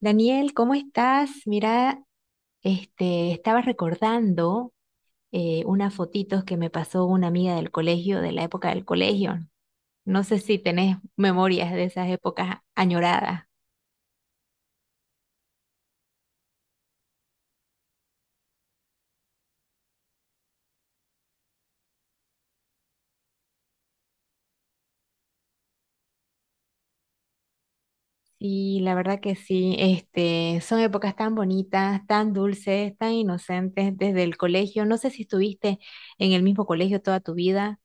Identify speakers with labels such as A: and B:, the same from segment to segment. A: Daniel, ¿cómo estás? Mira, estaba recordando unas fotitos que me pasó una amiga del colegio, de la época del colegio. No sé si tenés memorias de esas épocas añoradas. Y la verdad que sí, este, son épocas tan bonitas, tan dulces, tan inocentes desde el colegio. No sé si estuviste en el mismo colegio toda tu vida.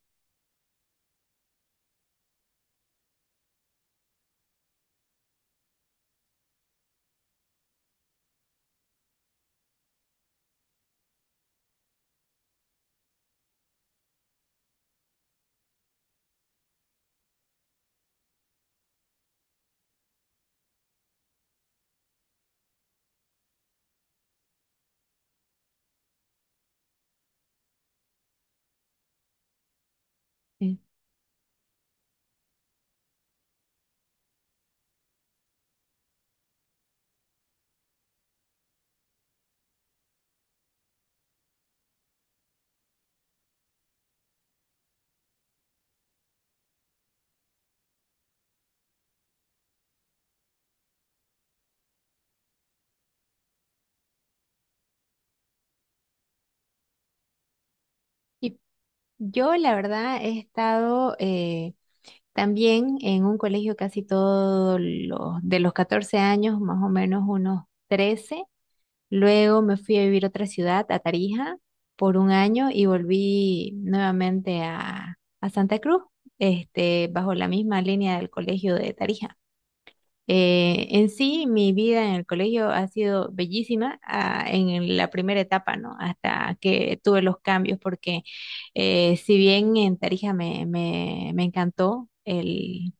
A: Sí. Y yo, la verdad, he estado, también en un colegio casi todos los, de los 14 años, más o menos unos 13. Luego me fui a vivir a otra ciudad, a Tarija, por un año y volví nuevamente a Santa Cruz, este, bajo la misma línea del colegio de Tarija. En sí, mi vida en el colegio ha sido bellísima, ah, en la primera etapa, ¿no? Hasta que tuve los cambios, porque si bien en Tarija me encantó el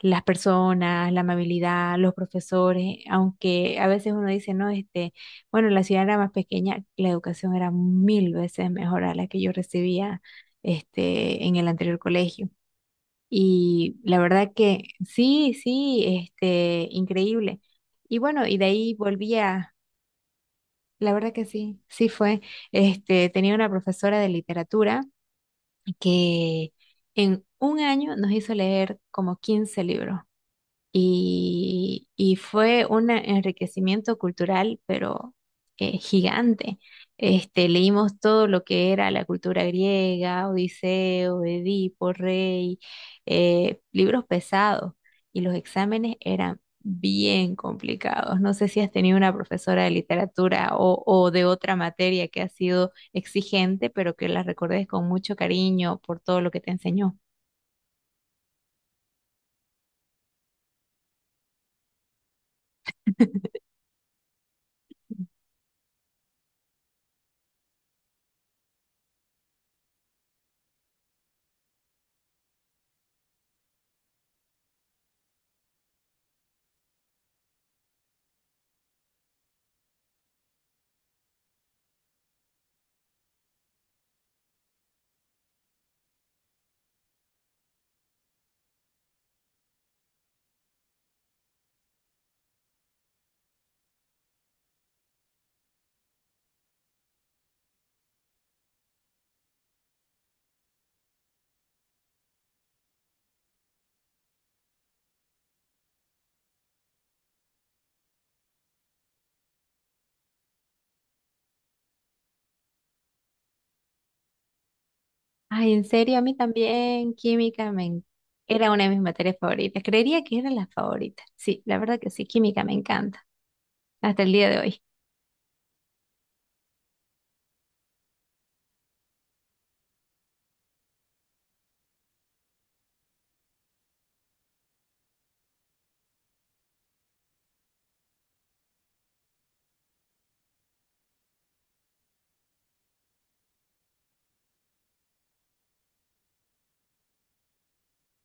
A: las personas, la amabilidad, los profesores, aunque a veces uno dice, no, este, bueno, la ciudad era más pequeña, la educación era mil veces mejor a la que yo recibía, este, en el anterior colegio. Y la verdad que sí, este, increíble. Y bueno, y de ahí volví a, la verdad que sí, sí fue, este, tenía una profesora de literatura que en un año nos hizo leer como 15 libros y fue un enriquecimiento cultural, pero gigante. Este, leímos todo lo que era la cultura griega, Odiseo, Edipo, Rey, libros pesados, y los exámenes eran bien complicados. No sé si has tenido una profesora de literatura o de otra materia que ha sido exigente, pero que la recordes con mucho cariño por todo lo que te enseñó. Ay, en serio, a mí también era una de mis materias favoritas. Creería que era la favorita. Sí, la verdad que sí, química me encanta hasta el día de hoy.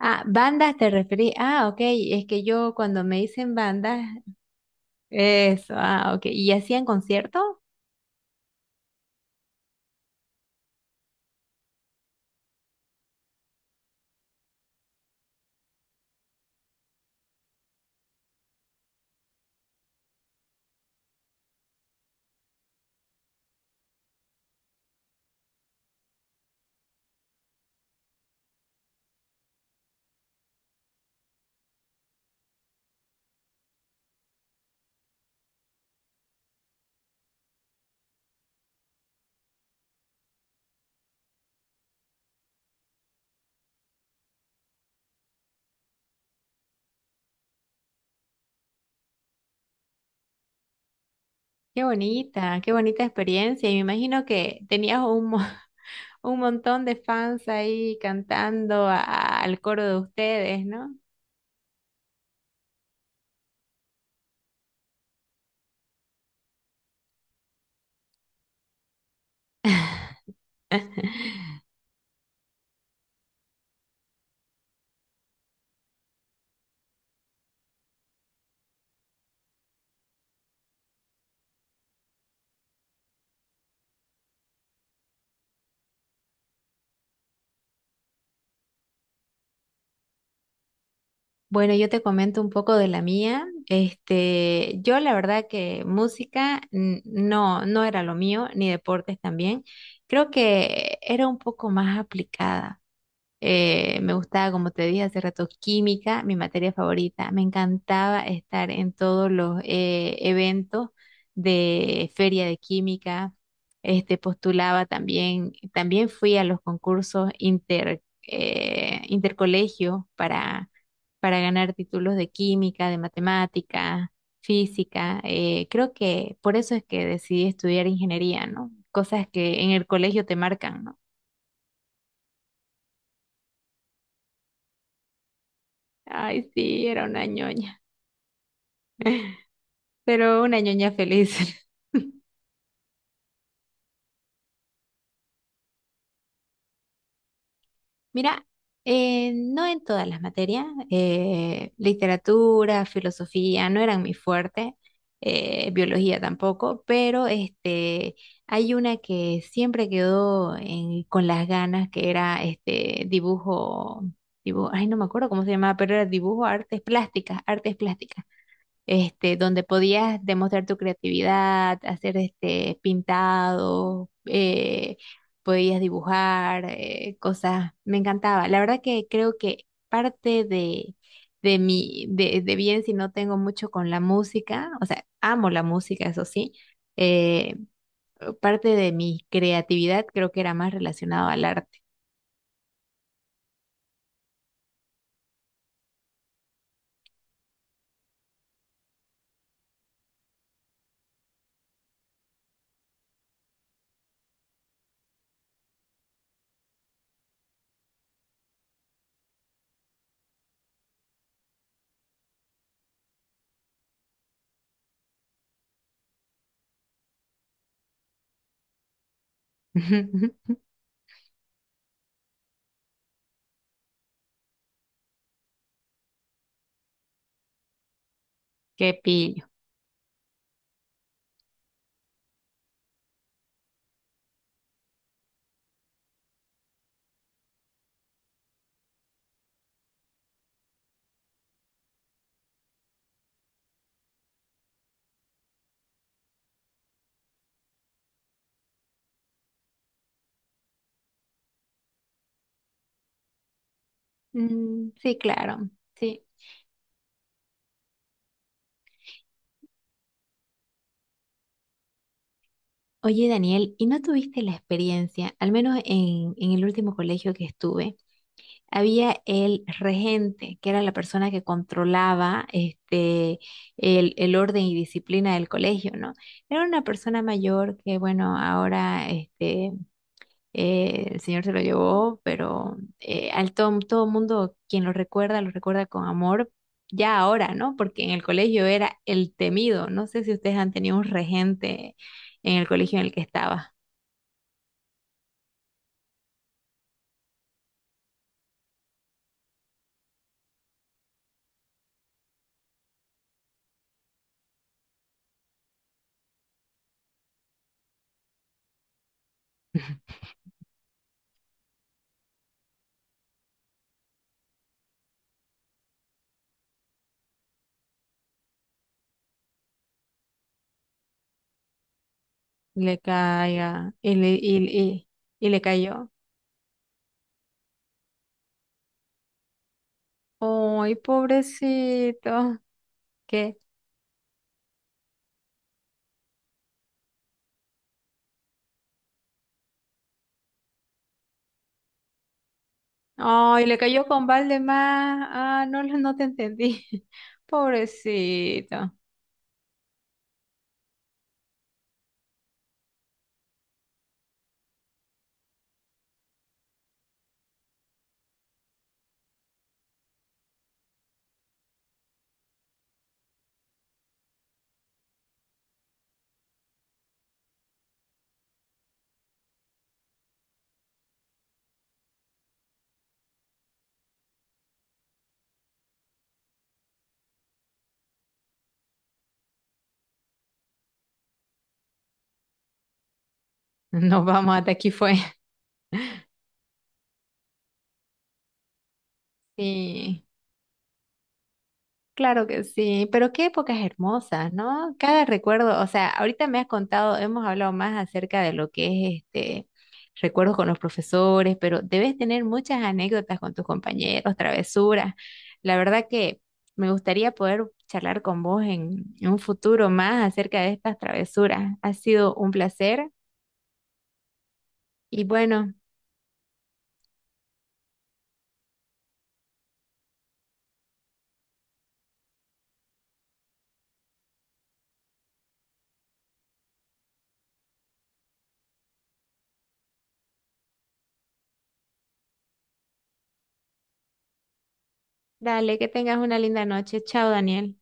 A: Ah, bandas te referí. Ah, ok, es que yo cuando me dicen bandas, eso, ah, ok. ¿Y hacían conciertos? Qué bonita experiencia. Y me imagino que tenías un, un montón de fans ahí cantando al coro de ustedes, ¿no? Bueno, yo te comento un poco de la mía. Este, yo la verdad que música no, no era lo mío, ni deportes también. Creo que era un poco más aplicada. Me gustaba, como te dije hace rato, química, mi materia favorita. Me encantaba estar en todos los eventos de feria de química. Este, postulaba también, también fui a los concursos intercolegio para ganar títulos de química, de matemática, física. Creo que por eso es que decidí estudiar ingeniería, ¿no? Cosas que en el colegio te marcan, ¿no? Ay, sí, era una ñoña, pero una ñoña feliz. Mira, no en todas las materias, literatura, filosofía no eran mi fuerte, biología tampoco, pero este, hay una que siempre quedó con las ganas, que era este dibujo, dibujo, ay, no me acuerdo cómo se llamaba, pero era dibujo, artes plásticas, artes plásticas. Este, donde podías demostrar tu creatividad, hacer este pintado, podías dibujar, cosas. Me encantaba. La verdad que creo que parte de, de bien si no tengo mucho con la música, o sea, amo la música, eso sí, eh, parte de mi creatividad creo que era más relacionado al arte. Qué pillo. Mm, sí, claro. Sí. Oye, Daniel, ¿y no tuviste la experiencia? Al menos en el último colegio que estuve, había el regente, que era la persona que controlaba este, el orden y disciplina del colegio, ¿no? Era una persona mayor que, bueno, ahora este, el señor se lo llevó, pero todo mundo quien lo recuerda con amor. Ya ahora, ¿no? Porque en el colegio era el temido. No sé si ustedes han tenido un regente en el colegio en el que estaba. Le caiga y y le cayó. Ay, pobrecito. ¿Qué? Ay, le cayó con balde más. Ah, no, no te entendí. Pobrecito. Nos vamos, hasta aquí fue. Sí. Claro que sí, pero qué épocas hermosas, ¿no? Cada recuerdo, o sea, ahorita me has contado, hemos hablado más acerca de lo que es este recuerdos con los profesores, pero debes tener muchas anécdotas con tus compañeros, travesuras. La verdad que me gustaría poder charlar con vos en un futuro más acerca de estas travesuras. Ha sido un placer y bueno, dale, que tengas una linda noche. Chao, Daniel.